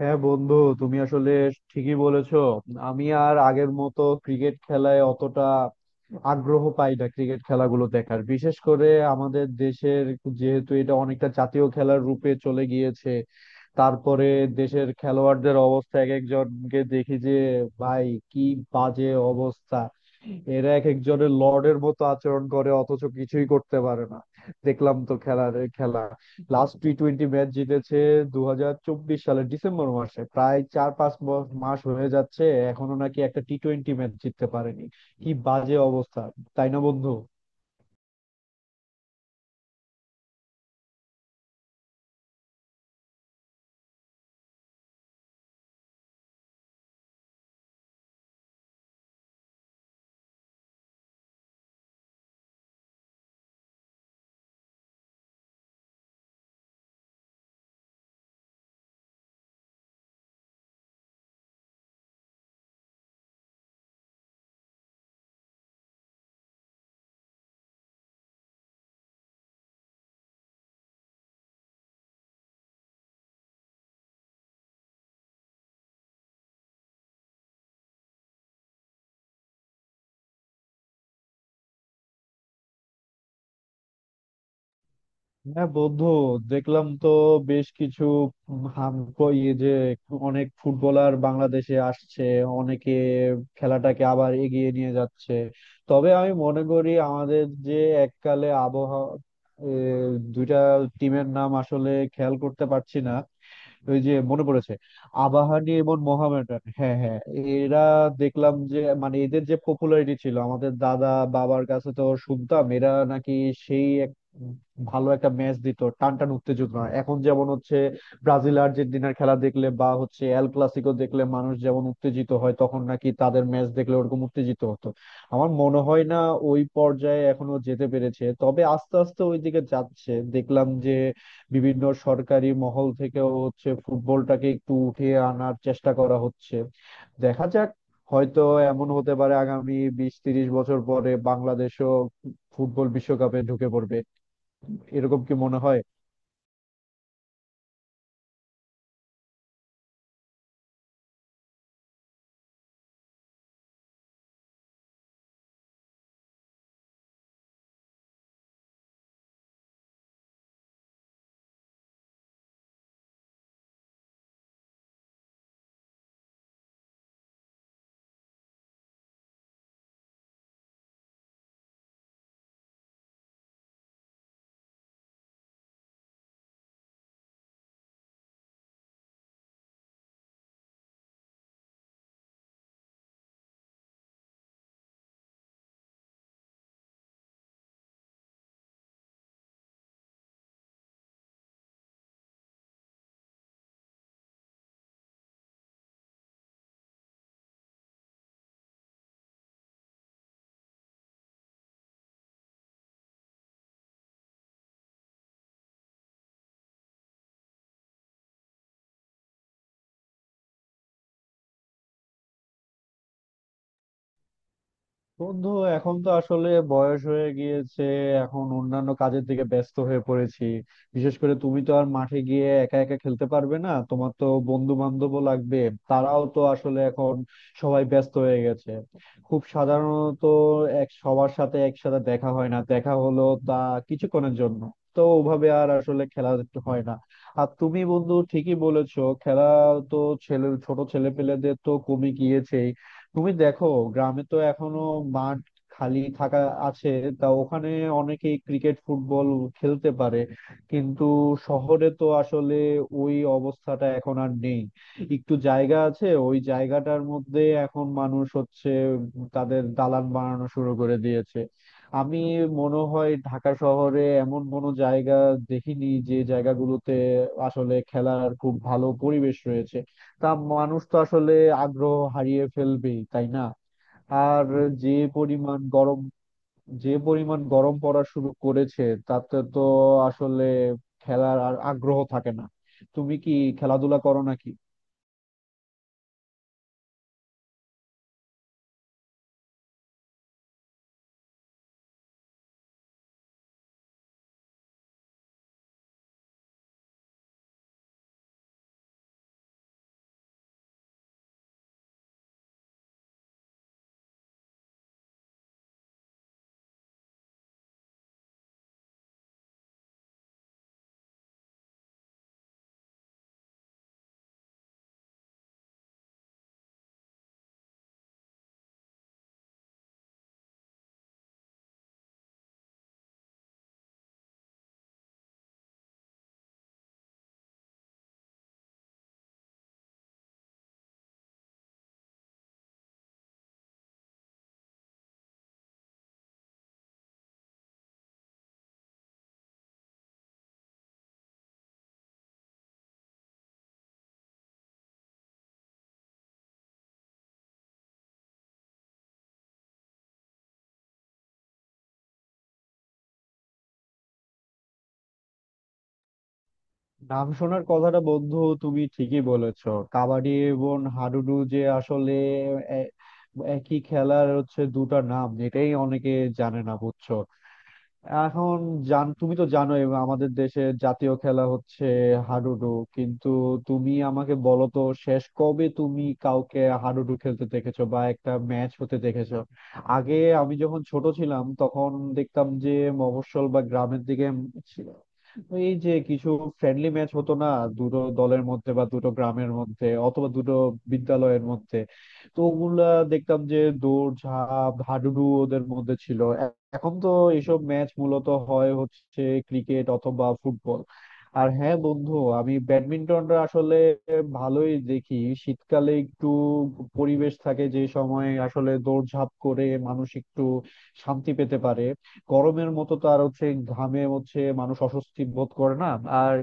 হ্যাঁ বন্ধু, তুমি আসলে ঠিকই বলেছো। আমি আর আগের মতো ক্রিকেট খেলায় অতটা আগ্রহ পাই না ক্রিকেট খেলাগুলো দেখার, বিশেষ করে আমাদের দেশের। যেহেতু এটা অনেকটা জাতীয় খেলার রূপে চলে গিয়েছে, তারপরে দেশের খেলোয়াড়দের অবস্থা এক একজনকে দেখি যে ভাই কি বাজে অবস্থা। এরা এক একজনের লর্ডের মতো আচরণ করে অথচ কিছুই করতে পারে না। দেখলাম তো খেলার খেলা, লাস্ট টি-টোয়েন্টি ম্যাচ জিতেছে 2024 সালের ডিসেম্বর মাসে, প্রায় চার পাঁচ মাস হয়ে যাচ্ছে এখনো নাকি একটা টি-টোয়েন্টি ম্যাচ জিততে পারেনি। কি বাজে অবস্থা, তাই না বন্ধু? হ্যাঁ বন্ধু, দেখলাম তো বেশ কিছু হাম ইয়ে যে অনেক ফুটবলার বাংলাদেশে আসছে, অনেকে খেলাটাকে আবার এগিয়ে নিয়ে যাচ্ছে। তবে আমি মনে করি আমাদের যে এককালে আবহাওয়া এ, দুইটা টিমের নাম আসলে খেয়াল করতে পারছি না। ওই যে মনে পড়েছে, আবাহনী এবং মোহামেডান। হ্যাঁ হ্যাঁ, এরা দেখলাম যে মানে এদের যে পপুলারিটি ছিল, আমাদের দাদা বাবার কাছে তো শুনতাম এরা নাকি সেই এক ভালো একটা ম্যাচ দিত, টানটান উত্তেজনা। এখন যেমন হচ্ছে ব্রাজিল আর্জেন্টিনার খেলা দেখলে বা হচ্ছে এল ক্লাসিকো দেখলে মানুষ যেমন উত্তেজিত হয়, তখন নাকি তাদের ম্যাচ দেখলে ওরকম উত্তেজিত হতো। আমার মনে হয় না ওই পর্যায়ে এখনো যেতে পেরেছে, তবে আস্তে আস্তে ওই দিকে যাচ্ছে। দেখলাম যে বিভিন্ন সরকারি মহল থেকেও হচ্ছে ফুটবলটাকে একটু উঠিয়ে আনার চেষ্টা করা হচ্ছে। দেখা যাক, হয়তো এমন হতে পারে আগামী বিশ তিরিশ বছর পরে বাংলাদেশও ফুটবল বিশ্বকাপে ঢুকে পড়বে। এরকম কি মনে হয়? বন্ধু, এখন তো আসলে বয়স হয়ে গিয়েছে, এখন অন্যান্য কাজের দিকে ব্যস্ত হয়ে পড়েছি। বিশেষ করে তুমি তো আর মাঠে গিয়ে একা একা খেলতে পারবে না, তোমার তো বন্ধু বান্ধবও লাগবে। তারাও তো আসলে এখন সবাই ব্যস্ত হয়ে গেছে। খুব সাধারণত এক সবার সাথে একসাথে দেখা হয় না, দেখা হলো তা কিছুক্ষণের জন্য। তো ওভাবে আর আসলে খেলা হয় না। আর তুমি বন্ধু ঠিকই বলেছো, খেলা তো ছেলে ছোট ছেলে পেলেদের তো কমে গিয়েছে। তুমি দেখো, গ্রামে তো এখনো মাঠ খালি থাকা আছে, তা ওখানে অনেকেই ক্রিকেট ফুটবল খেলতে পারে। কিন্তু শহরে তো আসলে ওই অবস্থাটা এখন আর নেই। একটু জায়গা আছে ওই জায়গাটার মধ্যে এখন মানুষ হচ্ছে তাদের দালান বানানো শুরু করে দিয়েছে। আমি মনে হয় ঢাকা শহরে এমন কোনো জায়গা দেখিনি যে জায়গাগুলোতে আসলে খেলার খুব ভালো পরিবেশ রয়েছে। তা মানুষ তো আসলে আগ্রহ হারিয়ে ফেলবেই, তাই না? আর যে পরিমাণ গরম যে পরিমাণ গরম পড়া শুরু করেছে তাতে তো আসলে খেলার আর আগ্রহ থাকে না। তুমি কি খেলাধুলা করো নাকি? নাম শোনার কথাটা বন্ধু, তুমি ঠিকই বলেছো। কাবাডি এবং হাডুডু যে আসলে এ- একই খেলার হচ্ছে দুটো নাম, এটাই অনেকে জানে না, বুঝছো। এখন জান, তুমি তো জানোই আমাদের দেশের জাতীয় খেলা হচ্ছে হাডুডু। কিন্তু তুমি আমাকে বলো তো শেষ কবে তুমি কাউকে হাডুডু খেলতে দেখেছো বা একটা ম্যাচ হতে দেখেছো। আগে আমি যখন ছোট ছিলাম তখন দেখতাম যে মফস্বল বা গ্রামের দিকে ছিল এই যে কিছু ফ্রেন্ডলি ম্যাচ হতো না, দুটো দলের মধ্যে বা দুটো গ্রামের মধ্যে অথবা দুটো বিদ্যালয়ের মধ্যে। তো ওগুলা দেখতাম যে দৌড় ঝাঁপ হাডুডু ওদের মধ্যে ছিল। এখন তো এইসব ম্যাচ মূলত হয় হচ্ছে ক্রিকেট অথবা ফুটবল। আর হ্যাঁ বন্ধু, আমি ব্যাডমিন্টনটা আসলে ভালোই দেখি। শীতকালে একটু পরিবেশ থাকে যে সময় আসলে দৌড়ঝাঁপ করে মানুষ একটু শান্তি পেতে পারে। গরমের মতো তো আর হচ্ছে ঘামে হচ্ছে মানুষ অস্বস্তি বোধ করে না। আর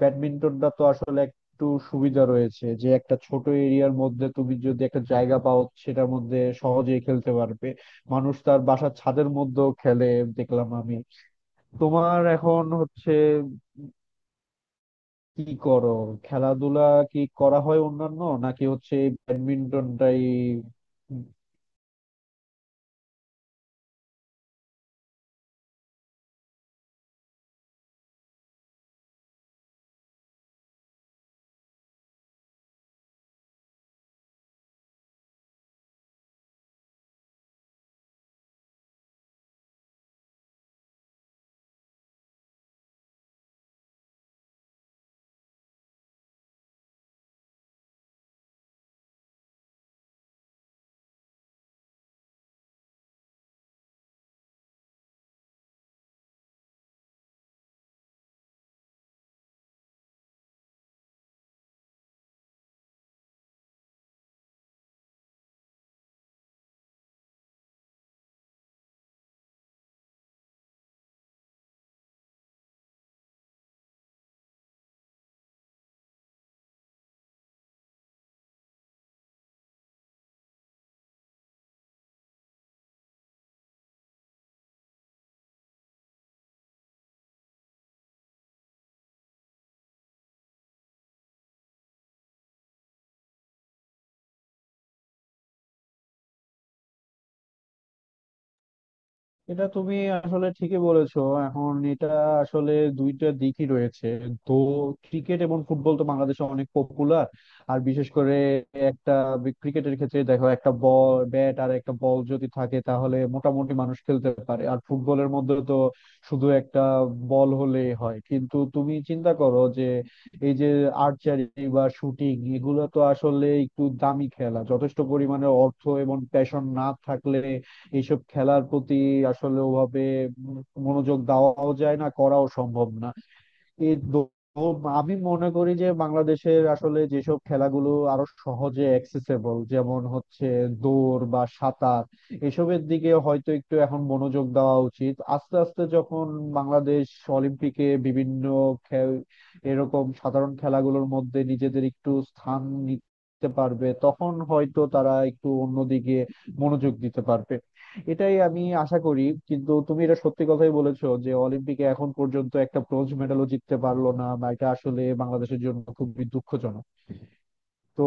ব্যাডমিন্টনটা তো আসলে একটু সুবিধা রয়েছে যে একটা ছোট এরিয়ার মধ্যে তুমি যদি একটা জায়গা পাও সেটার মধ্যে সহজেই খেলতে পারবে। মানুষ তার বাসার ছাদের মধ্যেও খেলে, দেখলাম আমি। তোমার এখন হচ্ছে কি করো খেলাধুলা, কি করা হয়, অন্যান্য নাকি হচ্ছে ব্যাডমিন্টনটাই? এটা তুমি আসলে ঠিকই বলেছো। এখন এটা আসলে দুইটা দিকই রয়েছে। তো ক্রিকেট এবং ফুটবল তো বাংলাদেশে অনেক পপুলার। আর বিশেষ করে একটা ক্রিকেটের ক্ষেত্রে দেখো একটা বল ব্যাট আর একটা বল যদি থাকে তাহলে মোটামুটি মানুষ খেলতে পারে। আর ফুটবলের মধ্যে তো শুধু একটা বল হলেই হয়। কিন্তু তুমি চিন্তা করো যে এই যে আর্চারি বা শুটিং এগুলো তো আসলে একটু দামি খেলা, যথেষ্ট পরিমাণে অর্থ এবং প্যাশন না থাকলে এইসব খেলার প্রতি আসলে ওভাবে মনোযোগ দেওয়াও যায় না, করাও সম্ভব না। এই দো- তো আমি মনে করি যে বাংলাদেশের আসলে যেসব খেলাগুলো আরো সহজে অ্যাক্সেসেবল যেমন হচ্ছে দৌড় বা সাঁতার, এসবের দিকে হয়তো একটু এখন মনোযোগ দেওয়া উচিত। আস্তে আস্তে যখন বাংলাদেশ অলিম্পিকে বিভিন্ন খে- এরকম সাধারণ খেলাগুলোর মধ্যে নিজেদের একটু স্থান নিতে পারবে, তখন হয়তো তারা একটু অন্যদিকে মনোযোগ দিতে পারবে। এটাই আমি আশা করি। কিন্তু তুমি এটা সত্যি কথাই বলেছো যে অলিম্পিকে এখন পর্যন্ত একটা ব্রোঞ্জ মেডালও জিততে পারলো না, বা এটা আসলে বাংলাদেশের জন্য খুবই দুঃখজনক। তো